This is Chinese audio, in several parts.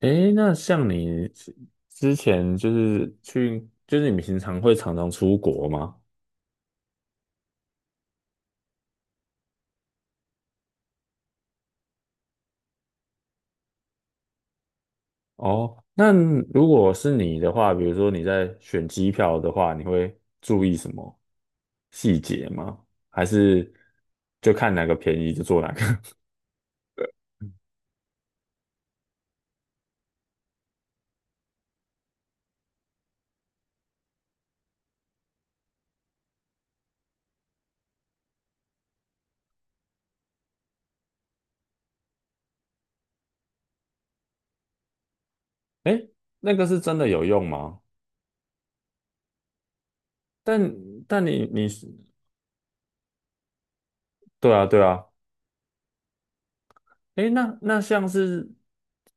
诶，那像你之前就是去，就是你平常会常常出国吗？哦，那如果是你的话，比如说你在选机票的话，你会注意什么细节吗？还是就看哪个便宜就做哪个？诶，那个是真的有用吗？但但你你对啊对啊，诶，那像是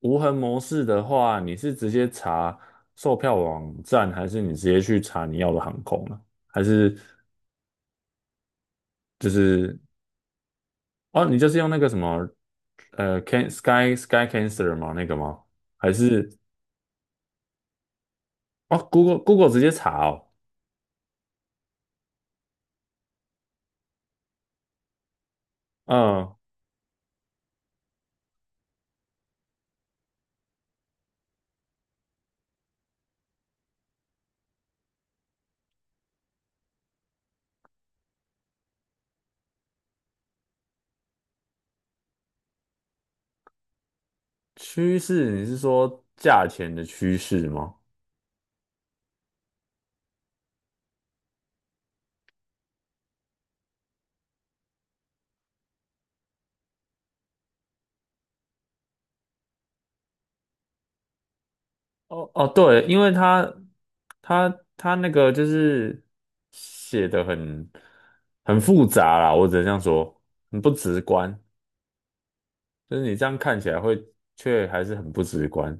无痕模式的话，你是直接查售票网站，还是你直接去查你要的航空呢？还是就是哦，你就是用那个什么Can Sky Cancer 吗？那个吗？还是哦，Google 直接查哦？嗯，趋势你是说价钱的趋势吗？哦哦，对，因为他他那个就是写的很复杂啦，我只能这样说，很不直观，就是你这样看起来会却还是很不直观，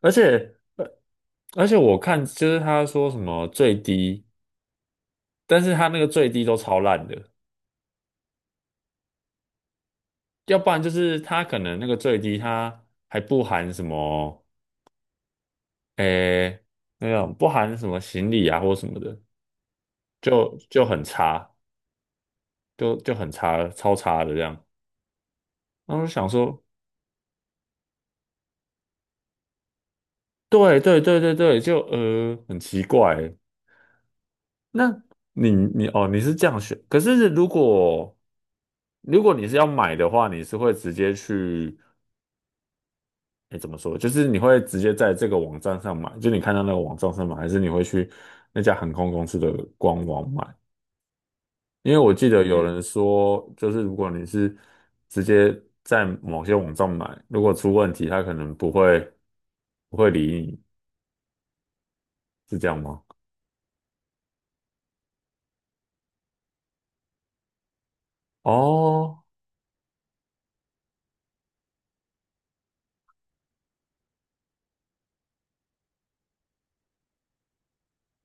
而且呃而且我看就是他说什么最低，但是他那个最低都超烂的，要不然就是他可能那个最低他还不含什么诶那种不含什么行李啊或什么的，就很差。就很差了超差的这样。然后我就想说，对对对对对，就很奇怪。那你哦，你是这样选，可是如果你是要买的话，你是会直接去，哎，怎么说？就是你会直接在这个网站上买，就你看到那个网站上买，还是你会去那家航空公司的官网买？因为我记得有人说，就是如果你是直接在某些网站买，如果出问题，他可能不会理你。是这样吗？哦，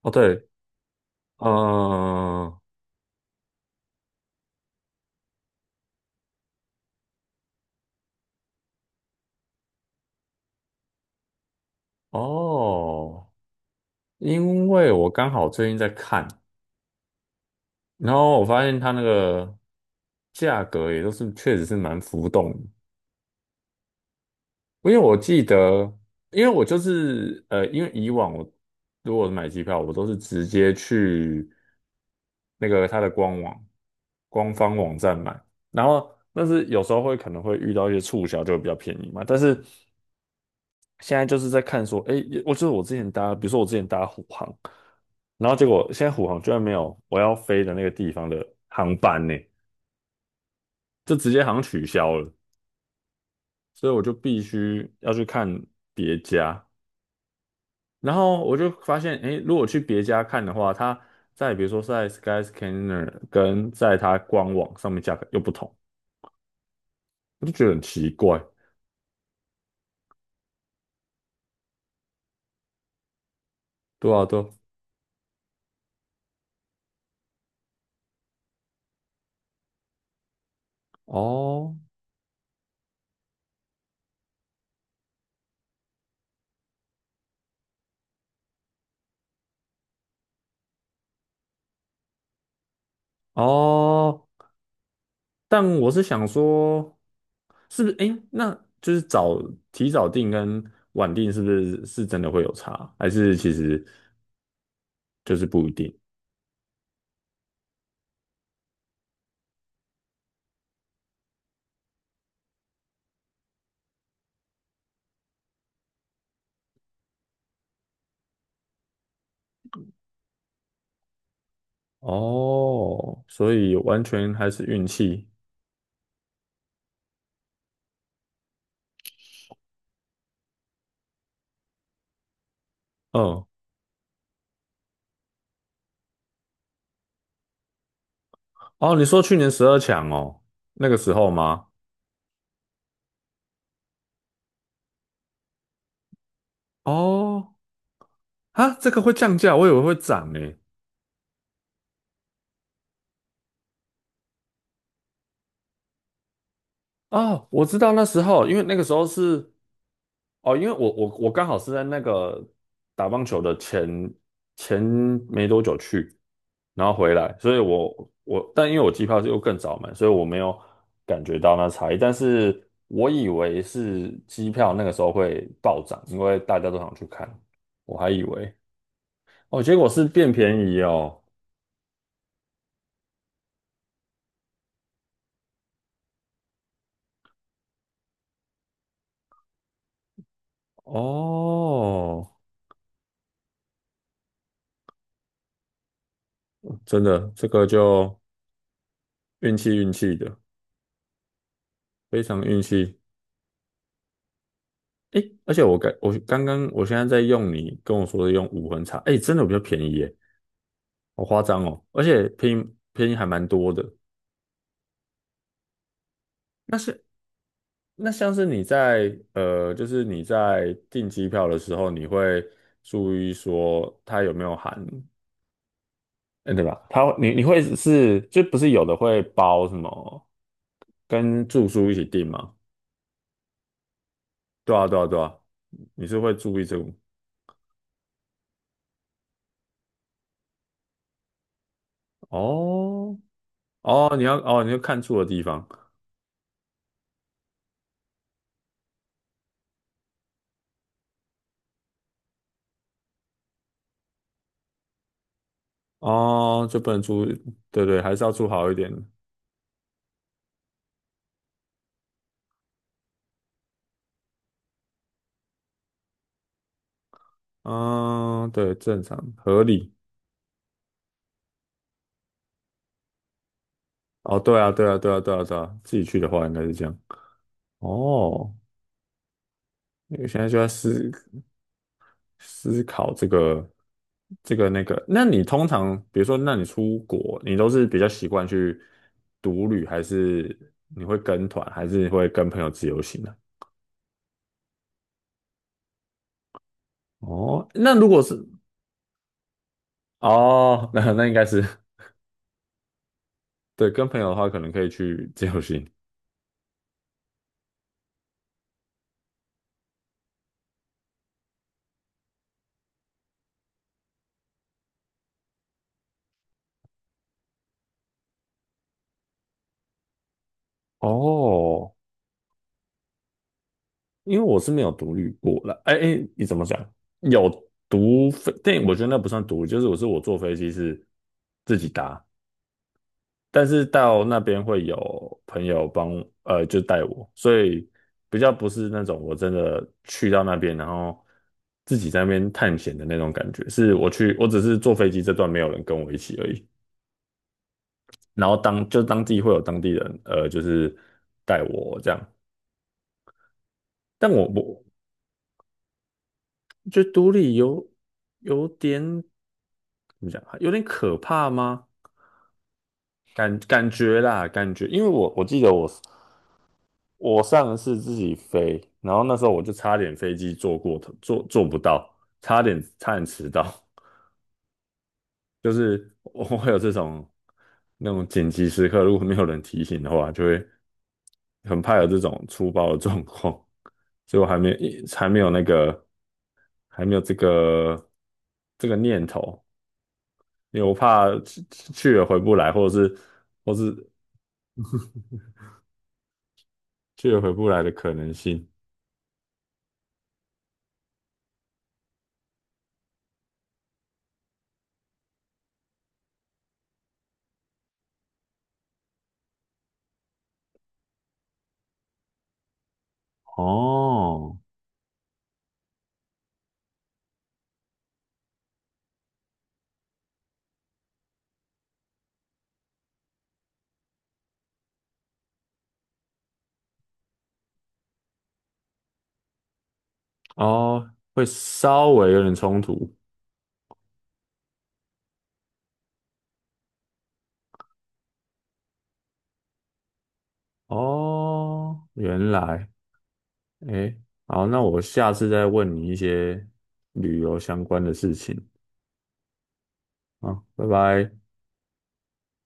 哦，对，嗯，哦，因为我刚好最近在看，然后我发现它那个价格也都是确实是蛮浮动的因为我记得，因为我就是因为以往我如果买机票，我都是直接去那个它的官方网站买。然后，但是有时候会可能会遇到一些促销，就会比较便宜嘛。但是现在就是在看说，哎，我就是我之前搭，比如说我之前搭虎航，然后结果现在虎航居然没有我要飞的那个地方的航班呢，就直接好像取消了，所以我就必须要去看别家。然后我就发现，哎，如果去别家看的话，它在比如说在 Skyscanner 跟在它官网上面价格又不同，我就觉得很奇怪。对啊，对啊哦哦，但我是想说，是不是？诶，那就是提早定跟晚定，是不是真的会有差？还是其实就是不一定？哦，所以完全还是运气。嗯，哦，你说去年十二强哦，那个时候吗？哦，啊，这个会降价，我以为会涨诶。哦，我知道那时候，因为那个时候是哦，因为我刚好是在那个打棒球的前没多久去，然后回来，所以我我但因为我机票是又更早买，所以我没有感觉到那差异。但是我以为是机票那个时候会暴涨，因为大家都想去看，我还以为哦，结果是变便宜哦。哦，真的，这个就运气运气的，非常运气。诶，而且我刚我刚刚我现在在用你跟我说的用无痕茶，诶，真的比较便宜耶，好夸张哦，而且便宜便宜还蛮多的。那是那像是你在就是你在订机票的时候，你会注意说它有没有含，嗯，对吧？它你你会是就不是有的会包什么跟住宿一起订吗？对啊对啊对啊，你是会注意这个吗哦哦，你要看住的地方。哦，就不能住，对对，还是要住好一点的嗯，对，正常合理。哦，对啊，对啊，对啊，对啊，对啊，自己去的话应该是这样。哦，因为现在就在思考这个那个。那你通常，比如说，那你出国，你都是比较习惯去独旅，还是你会跟团，还是会跟朋友自由行呢？哦，那如果是哦，那应该是对，跟朋友的话，可能可以去自由行。哦，因为我是没有独立过了。哎哎，你怎么讲？有独飞，但我觉得那不算独，就是我坐飞机是自己搭，但是到那边会有朋友帮，就带我，所以比较不是那种我真的去到那边，然后自己在那边探险的那种感觉。是我去，我只是坐飞机这段没有人跟我一起而已，然后当地会有当地人，就是带我这样。但我觉得独立有点怎么讲啊有点可怕吗？感觉啦，感觉，因为我记得我上次自己飞，然后那时候我就差点飞机坐过头，坐不到，差点迟到，就是我会有这种那种紧急时刻，如果没有人提醒的话，就会很怕有这种粗暴的状况，所以我还没还没有那个还没有这个这个念头。因为我怕去了回不来，或者是或是去也回不来的可能性。哦哦，会稍微有点冲突。哦，原来，诶，好，那我下次再问你一些旅游相关的事情。啊，拜拜。